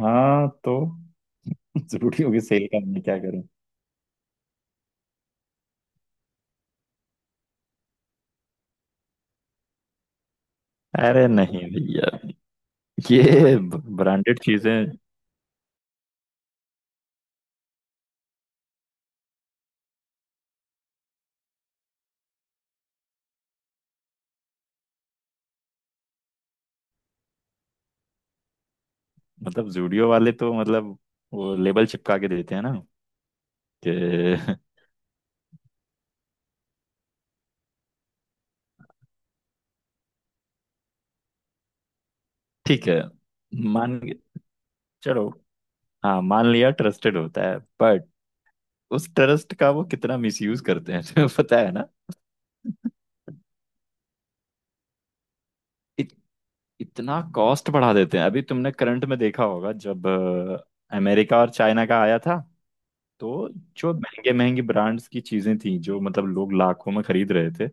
हाँ, तो जरूरी होगी सेल का मैं क्या करूं। अरे नहीं, भैया। ये ब्रांडेड चीजें, मतलब जूडियो वाले तो मतलब वो लेबल चिपका के देते हैं ना कि ठीक है। मान के- चलो, हाँ, मान लिया ट्रस्टेड होता है। बट उस ट्रस्ट का वो कितना मिसयूज करते हैं तुम्हें पता है ना। इत, इतना कॉस्ट बढ़ा देते हैं। अभी तुमने करंट में देखा होगा जब अमेरिका और चाइना का आया था। तो जो महंगे महंगे ब्रांड्स की चीजें थी, जो मतलब लोग लाखों में खरीद रहे थे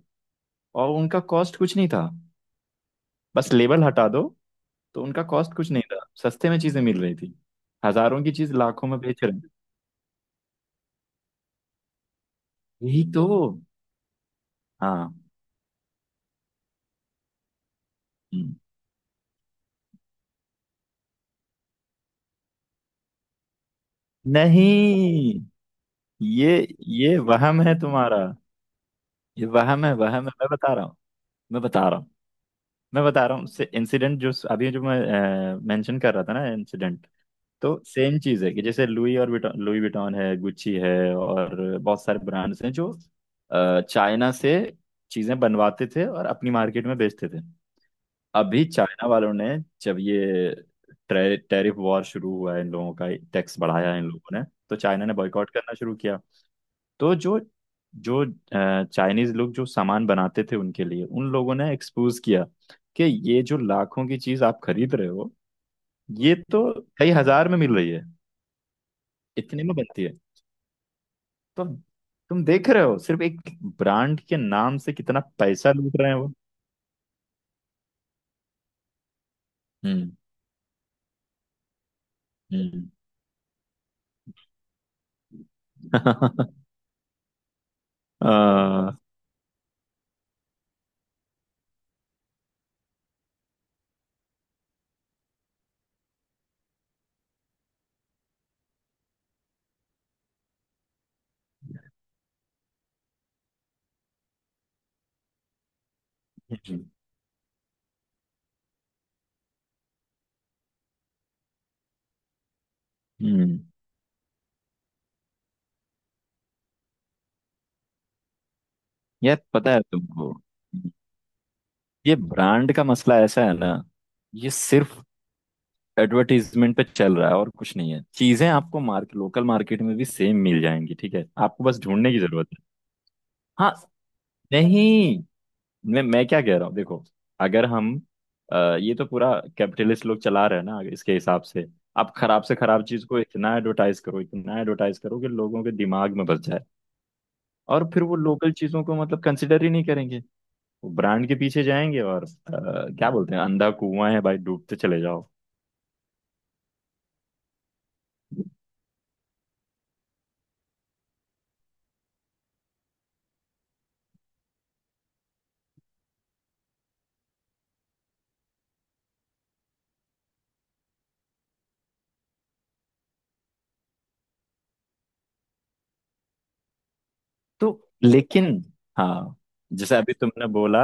और उनका कॉस्ट कुछ नहीं था, बस लेबल हटा दो। तो उनका कॉस्ट कुछ नहीं था, सस्ते में चीजें मिल रही थी। हजारों की चीज लाखों में बेच रहे हैं। यही तो। हाँ। हम्म। नहीं, ये, ये वहम है तुम्हारा। ये वहम है, वहम है, मैं बता रहा हूँ। मैं बता रहा हूँ। मैं बता रहा हूँ। इंसिडेंट, जो अभी जो मैं मेंशन कर रहा था ना, इंसिडेंट। तो सेम चीज है कि जैसे लुई और विटॉन, लुई विटॉन है, गुच्ची है और बहुत सारे ब्रांड्स हैं जो चाइना से चीजें बनवाते थे और अपनी मार्केट में बेचते थे। अभी चाइना वालों ने, जब ये टैरिफ वॉर शुरू हुआ है इन लोगों का, टैक्स बढ़ाया है इन लोगों ने, तो चाइना ने बॉयकॉट करना शुरू किया। तो जो जो चाइनीज लोग जो सामान बनाते थे उनके लिए, उन लोगों ने एक्सपोज किया कि ये जो लाखों की चीज आप खरीद रहे हो, ये तो कई हजार में मिल रही है, इतने में बनती है। तुम तुम देख रहे हो सिर्फ एक ब्रांड के नाम से कितना पैसा लूट रहे हैं वो। हम्म। हम्म। आ। हम्म। हम्म। यार, पता है तुमको, ये ब्रांड का मसला ऐसा है ना, ये सिर्फ एडवर्टीजमेंट पे चल रहा है और कुछ नहीं है। चीजें आपको मार्केट, लोकल मार्केट में भी सेम मिल जाएंगी। ठीक है, आपको बस ढूंढने की जरूरत है। हाँ। नहीं, मैं क्या कह रहा हूँ देखो, अगर हम ये तो पूरा कैपिटलिस्ट लोग चला रहे हैं ना। इसके हिसाब से आप खराब से खराब चीज को इतना एडवर्टाइज करो, इतना एडवर्टाइज करो कि लोगों के दिमाग में बस जाए, और फिर वो लोकल चीजों को मतलब कंसिडर ही नहीं करेंगे, वो ब्रांड के पीछे जाएंगे। और क्या बोलते हैं, अंधा कुआं है भाई, डूबते चले जाओ। तो, लेकिन, हाँ, जैसे अभी तुमने बोला,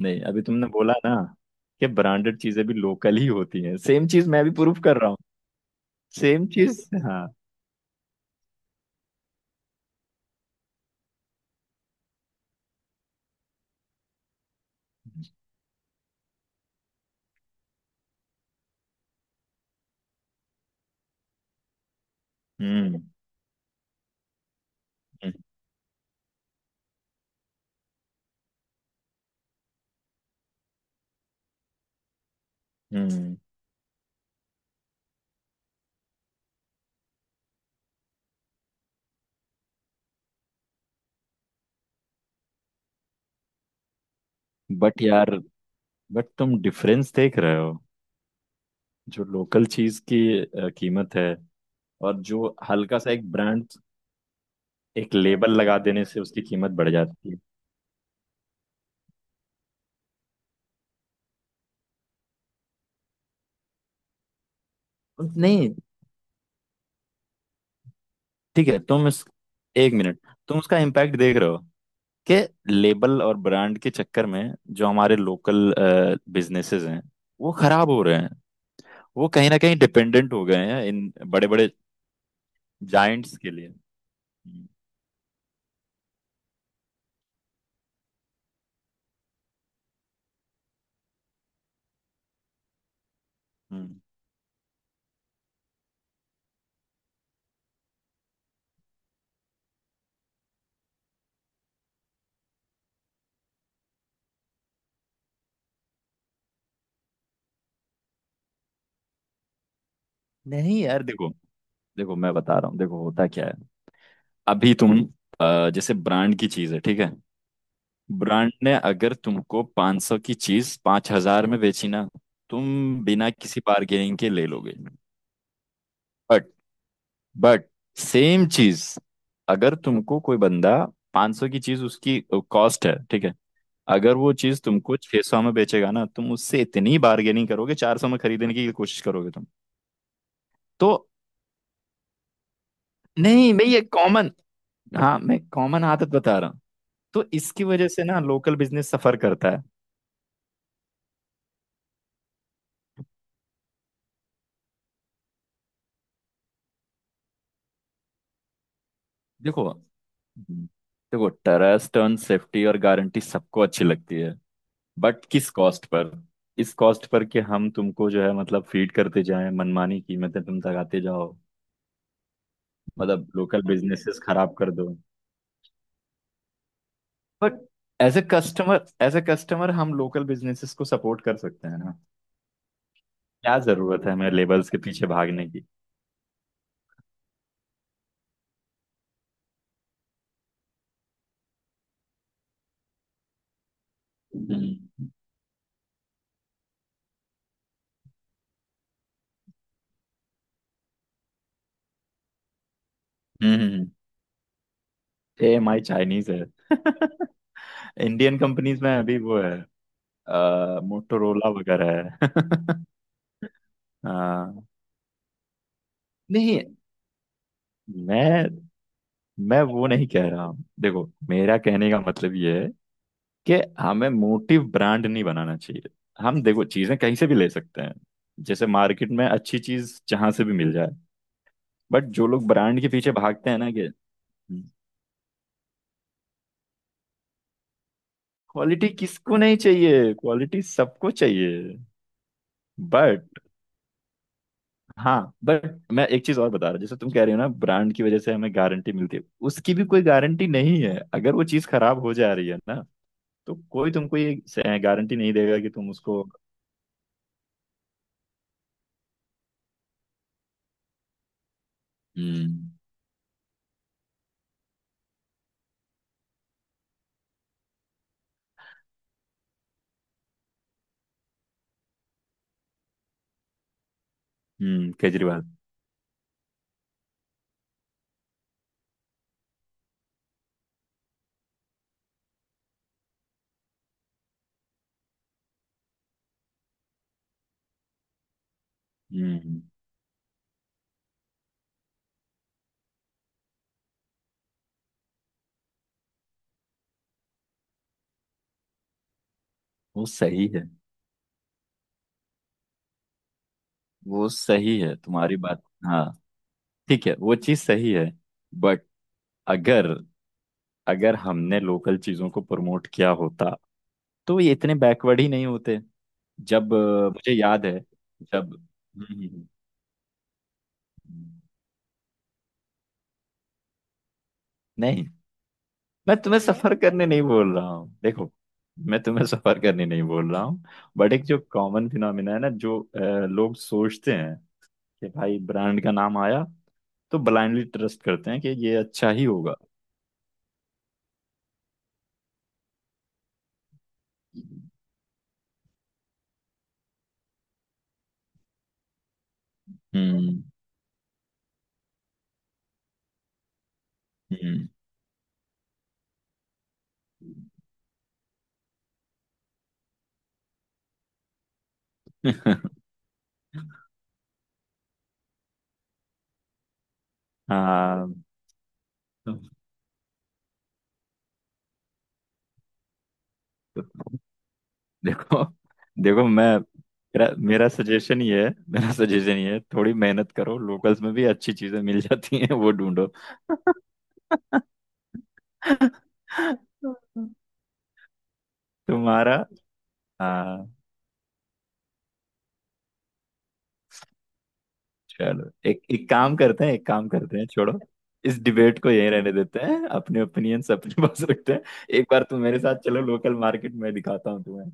नहीं अभी तुमने बोला ना कि ब्रांडेड चीजें भी लोकल ही होती हैं, सेम चीज मैं भी प्रूफ कर रहा हूँ। सेम चीज हाँ। हम्म। हम्म। बट यार, बट तुम डिफरेंस देख रहे हो जो लोकल चीज की कीमत है, और जो हल्का सा एक ब्रांड, एक लेबल लगा देने से उसकी कीमत बढ़ जाती है। नहीं, ठीक है, तुम इस एक मिनट। तुम उसका इम्पैक्ट देख रहे हो कि लेबल और ब्रांड के चक्कर में जो हमारे लोकल बिजनेसेस हैं, वो खराब हो रहे हैं। वो कहीं ना कहीं डिपेंडेंट हो गए हैं इन बड़े बड़े जायंट्स के लिए। हम्म। हम्म। नहीं यार, देखो, देखो मैं बता रहा हूँ, देखो होता क्या है, अभी तुम जैसे ब्रांड की चीज है, ठीक है, ब्रांड ने अगर तुमको 500 की चीज 5000 में बेची ना, तुम बिना किसी बार्गेनिंग के ले लोगे। बट बट सेम चीज अगर तुमको कोई बंदा 500 की चीज, उसकी कॉस्ट है ठीक है, अगर वो चीज तुमको 600 में बेचेगा ना, तुम उससे इतनी बार्गेनिंग करोगे, 400 में खरीदने की कोशिश करोगे तुम। तो, नहीं मैं ये कॉमन, हाँ मैं कॉमन आदत बता रहा हूँ। तो इसकी वजह से ना लोकल बिजनेस सफर करता है। देखो। हम्म। देखो, ट्रस्ट टर्न, सेफ्टी और गारंटी सबको अच्छी लगती है। बट किस कॉस्ट पर? इस कॉस्ट पर कि हम तुमको जो है मतलब फीड करते जाएं, मनमानी कीमतें तुम लगाते जाओ, मतलब लोकल बिजनेसेस खराब कर दो। But as a customer, as a customer, हम लोकल बिजनेसेस को सपोर्ट कर सकते हैं ना। क्या जरूरत है हमें लेबल्स के पीछे भागने की? हम्म। हम्म। ए एम आई चाइनीज है। इंडियन कंपनीज में अभी वो है, मोटोरोला वगैरह है। हाँ। नहीं, मैं मैं वो नहीं कह रहा हूँ। देखो, मेरा कहने का मतलब ये है कि हमें मोटिव ब्रांड नहीं बनाना चाहिए। हम देखो चीजें कहीं से भी ले सकते हैं, जैसे मार्केट में अच्छी चीज जहां से भी मिल जाए। बट जो लोग ब्रांड के पीछे भागते हैं ना कि क्वालिटी किसको नहीं चाहिए, क्वालिटी सबको चाहिए। बट, हाँ बट मैं एक चीज और बता रहा हूँ, जैसे तुम कह रहे हो ना ब्रांड की वजह से हमें गारंटी मिलती है, उसकी भी कोई गारंटी नहीं है। अगर वो चीज खराब हो जा रही है ना, तो कोई तुमको ये गारंटी नहीं देगा कि तुम उसको। हम्म। हम्म। केजरीवाल। हम्म। वो सही है। वो सही है तुम्हारी बात, हाँ। ठीक है, वो चीज सही है। बट अगर, अगर हमने लोकल चीजों को प्रमोट किया होता तो ये इतने बैकवर्ड ही नहीं होते। जब मुझे याद है, जब हम्म। नहीं, मैं तुम्हें सफर करने नहीं बोल रहा हूँ। देखो, मैं तुम्हें सफर करने नहीं बोल रहा हूँ। बट एक जो कॉमन फिनोमिना है ना, जो लोग सोचते हैं कि भाई ब्रांड का नाम आया तो ब्लाइंडली ट्रस्ट करते हैं कि ये अच्छा ही होगा। हम्म। हम्म। हाँ, देखो, देखो मैं मेरा मेरा सजेशन ये है, मेरा सजेशन ये है, थोड़ी मेहनत करो, लोकल्स में भी अच्छी चीजें मिल जाती हैं, वो ढूंढो। तुम्हारा। हाँ, चलो एक एक काम करते हैं, एक काम करते हैं, छोड़ो इस डिबेट को, यहीं रहने देते हैं, अपने ओपिनियंस अपने पास रखते हैं। एक बार तुम मेरे साथ चलो लोकल मार्केट में, दिखाता हूँ तुम्हें।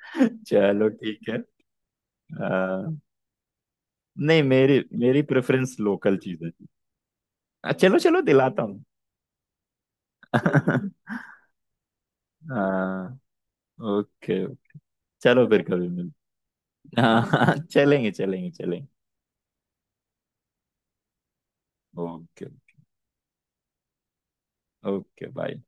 चलो ठीक है। आ, नहीं, मेरी मेरी प्रेफरेंस लोकल चीज है। चलो, चलो दिलाता हूँ। हाँ। ओके। चलो फिर कभी मिल, हाँ, चलेंगे चलेंगे चलेंगे। Okay, okay, bye.